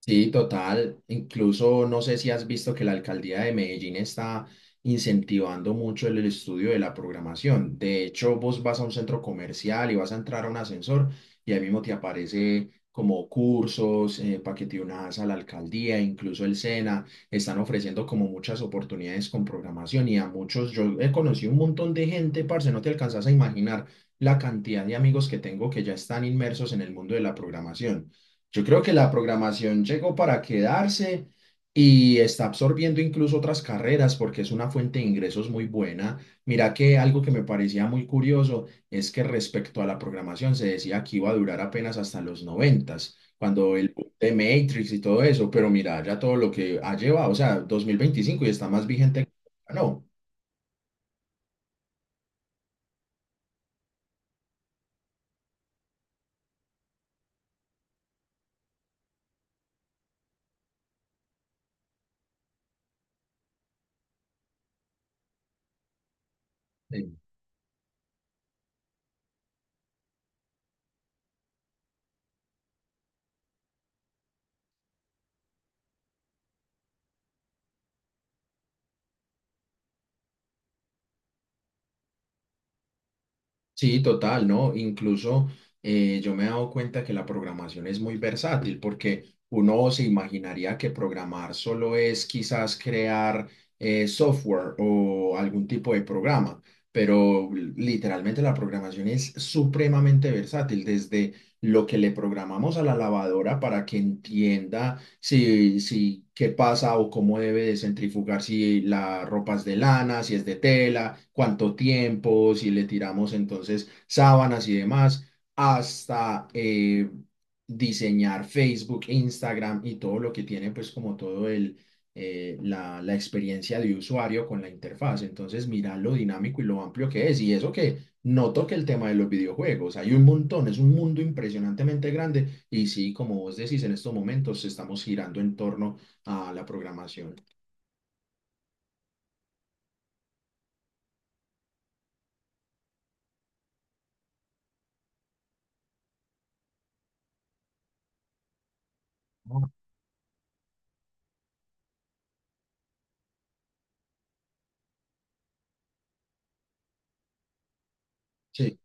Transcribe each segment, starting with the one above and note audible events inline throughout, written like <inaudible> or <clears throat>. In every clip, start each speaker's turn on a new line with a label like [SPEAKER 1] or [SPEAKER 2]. [SPEAKER 1] Sí, total. Incluso no sé si has visto que la alcaldía de Medellín está incentivando mucho el estudio de la programación. De hecho, vos vas a un centro comercial y vas a entrar a un ascensor y ahí mismo te aparece como cursos, para que te unas a la alcaldía, incluso el SENA, están ofreciendo como muchas oportunidades con programación y a muchos, yo he conocido un montón de gente, parce, no te alcanzas a imaginar la cantidad de amigos que tengo que ya están inmersos en el mundo de la programación. Yo creo que la programación llegó para quedarse y está absorbiendo incluso otras carreras porque es una fuente de ingresos muy buena. Mira que algo que me parecía muy curioso es que respecto a la programación se decía que iba a durar apenas hasta los noventas, cuando el boom de Matrix y todo eso, pero mira ya todo lo que ha llevado, o sea, 2025 y está más vigente que nunca, ¿no? Sí, total, ¿no? Incluso yo me he dado cuenta que la programación es muy versátil porque uno se imaginaría que programar solo es quizás crear software o algún tipo de programa, pero literalmente la programación es supremamente versátil, desde lo que le programamos a la lavadora para que entienda si qué pasa o cómo debe de centrifugar, si la ropa es de lana, si es de tela, cuánto tiempo, si le tiramos entonces sábanas y demás, hasta diseñar Facebook, Instagram y todo lo que tiene pues como todo el... La experiencia de usuario con la interfaz. Entonces, mira lo dinámico y lo amplio que es. Y eso que noto que el tema de los videojuegos, hay un montón, es un mundo impresionantemente grande y sí, como vos decís, en estos momentos estamos girando en torno a la programación. Sí.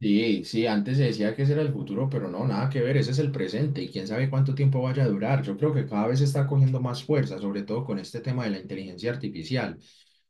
[SPEAKER 1] Sí, sí, antes se decía que ese era el futuro, pero no, nada que ver, ese es el presente y quién sabe cuánto tiempo vaya a durar. Yo creo que cada vez está cogiendo más fuerza, sobre todo con este tema de la inteligencia artificial.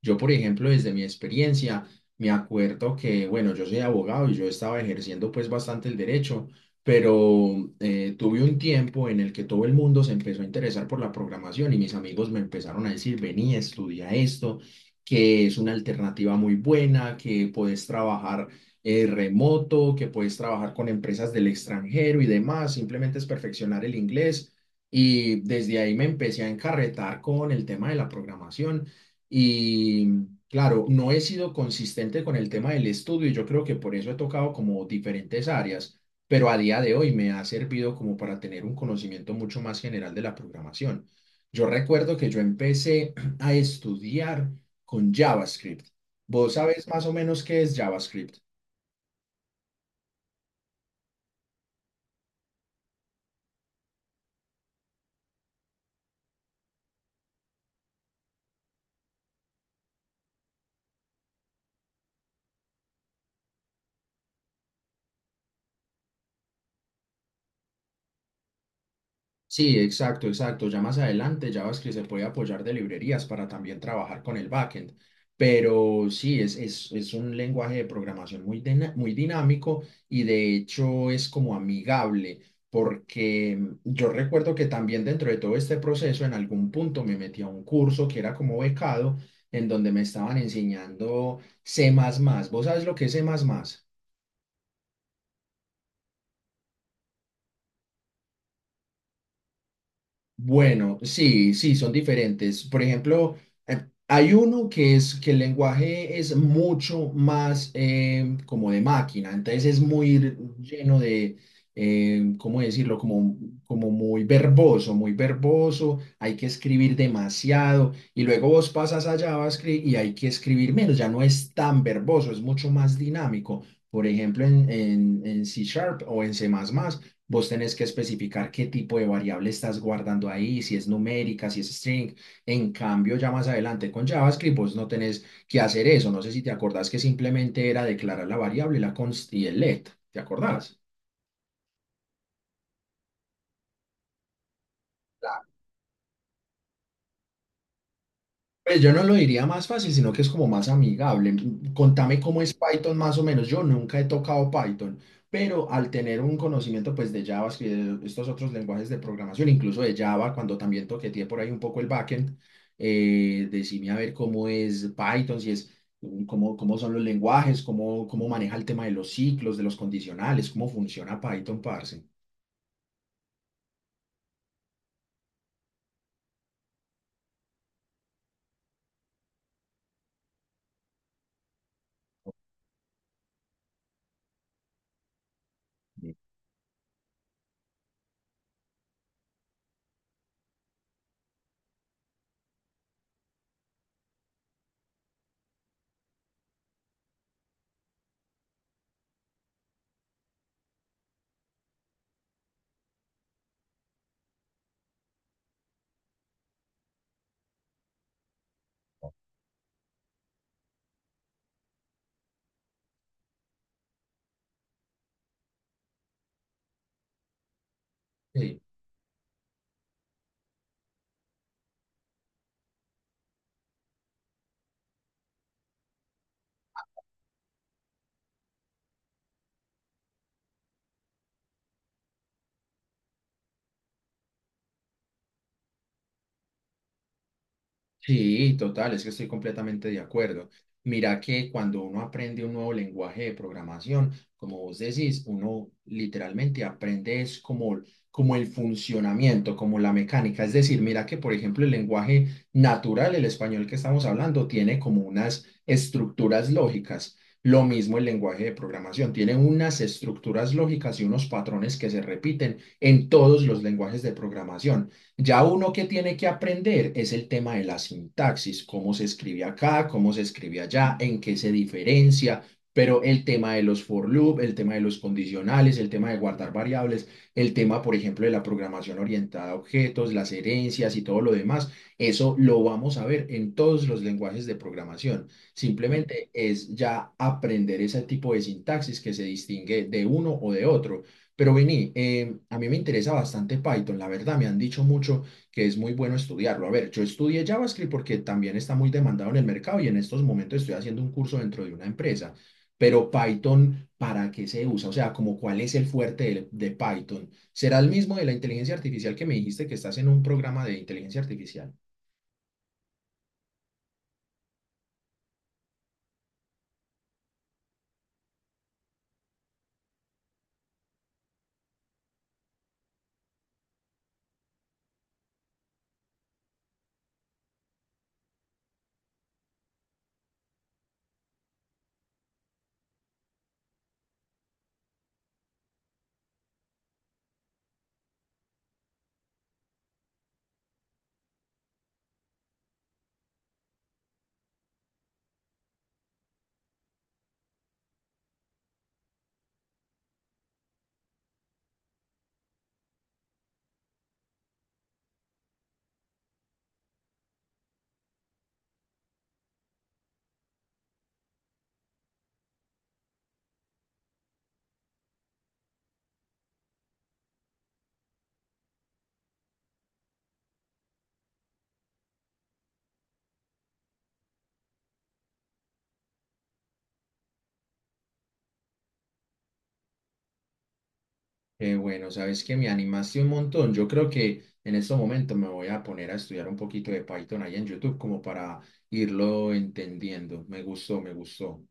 [SPEAKER 1] Yo, por ejemplo, desde mi experiencia, me acuerdo que, bueno, yo soy abogado y yo estaba ejerciendo pues bastante el derecho, pero tuve un tiempo en el que todo el mundo se empezó a interesar por la programación y mis amigos me empezaron a decir, vení, estudia esto, que es una alternativa muy buena, que puedes trabajar remoto, que puedes trabajar con empresas del extranjero y demás, simplemente es perfeccionar el inglés. Y desde ahí me empecé a encarretar con el tema de la programación. Y claro, no he sido consistente con el tema del estudio y yo creo que por eso he tocado como diferentes áreas, pero a día de hoy me ha servido como para tener un conocimiento mucho más general de la programación. Yo recuerdo que yo empecé <clears throat> a estudiar con JavaScript. ¿Vos sabés más o menos qué es JavaScript? Sí, exacto, exacto. Ya más adelante JavaScript se puede apoyar de librerías para también trabajar con el backend. Pero sí, es un lenguaje de programación muy dinámico y de hecho es como amigable, porque yo recuerdo que también dentro de todo este proceso en algún punto me metí a un curso que era como becado, en donde me estaban enseñando C++. ¿Vos sabes lo que es C++? Bueno, sí, sí, son diferentes. Por ejemplo, hay uno que es que el lenguaje es mucho más como de máquina, entonces es lleno de, ¿cómo decirlo? Como, como muy verboso, hay que escribir demasiado y luego vos pasas a JavaScript y hay que escribir menos, ya no es tan verboso, es mucho más dinámico. Por ejemplo, en C Sharp o en C++. Vos tenés que especificar qué tipo de variable estás guardando ahí, si es numérica, si es string. En cambio, ya más adelante con JavaScript, vos no tenés que hacer eso. No sé si te acordás que simplemente era declarar la variable, la const y el let. ¿Te acordás? Pues yo no lo diría más fácil, sino que es como más amigable. Contame cómo es Python más o menos. Yo nunca he tocado Python, pero al tener un conocimiento pues de JavaScript, de estos otros lenguajes de programación, incluso de Java, cuando también toqueteé por ahí un poco el backend, decime a ver cómo es Python, si es mm, cómo son los lenguajes, cómo maneja el tema de los ciclos, de los condicionales, cómo funciona Python, parce. Sí. Sí, total, es que estoy completamente de acuerdo. Mira que cuando uno aprende un nuevo lenguaje de programación, como vos decís, uno literalmente aprende es como el funcionamiento, como la mecánica. Es decir, mira que, por ejemplo, el lenguaje natural, el español que estamos hablando, tiene como unas estructuras lógicas. Lo mismo el lenguaje de programación, tiene unas estructuras lógicas y unos patrones que se repiten en todos los lenguajes de programación. Ya uno que tiene que aprender es el tema de la sintaxis, cómo se escribe acá, cómo se escribe allá, en qué se diferencia, pero el tema de los for loop, el tema de los condicionales, el tema de guardar variables, el tema, por ejemplo, de la programación orientada a objetos, las herencias y todo lo demás, eso lo vamos a ver en todos los lenguajes de programación. Simplemente es ya aprender ese tipo de sintaxis que se distingue de uno o de otro. Pero Vini, a mí me interesa bastante Python, la verdad, me han dicho mucho que es muy bueno estudiarlo. A ver, yo estudié JavaScript porque también está muy demandado en el mercado y en estos momentos estoy haciendo un curso dentro de una empresa. Pero Python, ¿para qué se usa? O sea, como cuál es el fuerte de Python. ¿Será el mismo de la inteligencia artificial que me dijiste que estás en un programa de inteligencia artificial? Qué bueno, sabes que me animaste un montón. Yo creo que en estos momentos me voy a poner a estudiar un poquito de Python ahí en YouTube como para irlo entendiendo. Me gustó, me gustó.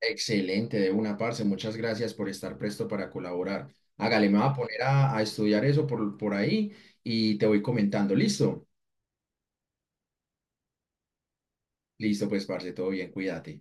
[SPEAKER 1] Excelente, de una parce. Muchas gracias por estar presto para colaborar. Hágale, me voy a poner a estudiar eso por ahí y te voy comentando. ¿Listo? Listo, pues, parce, todo bien, cuídate.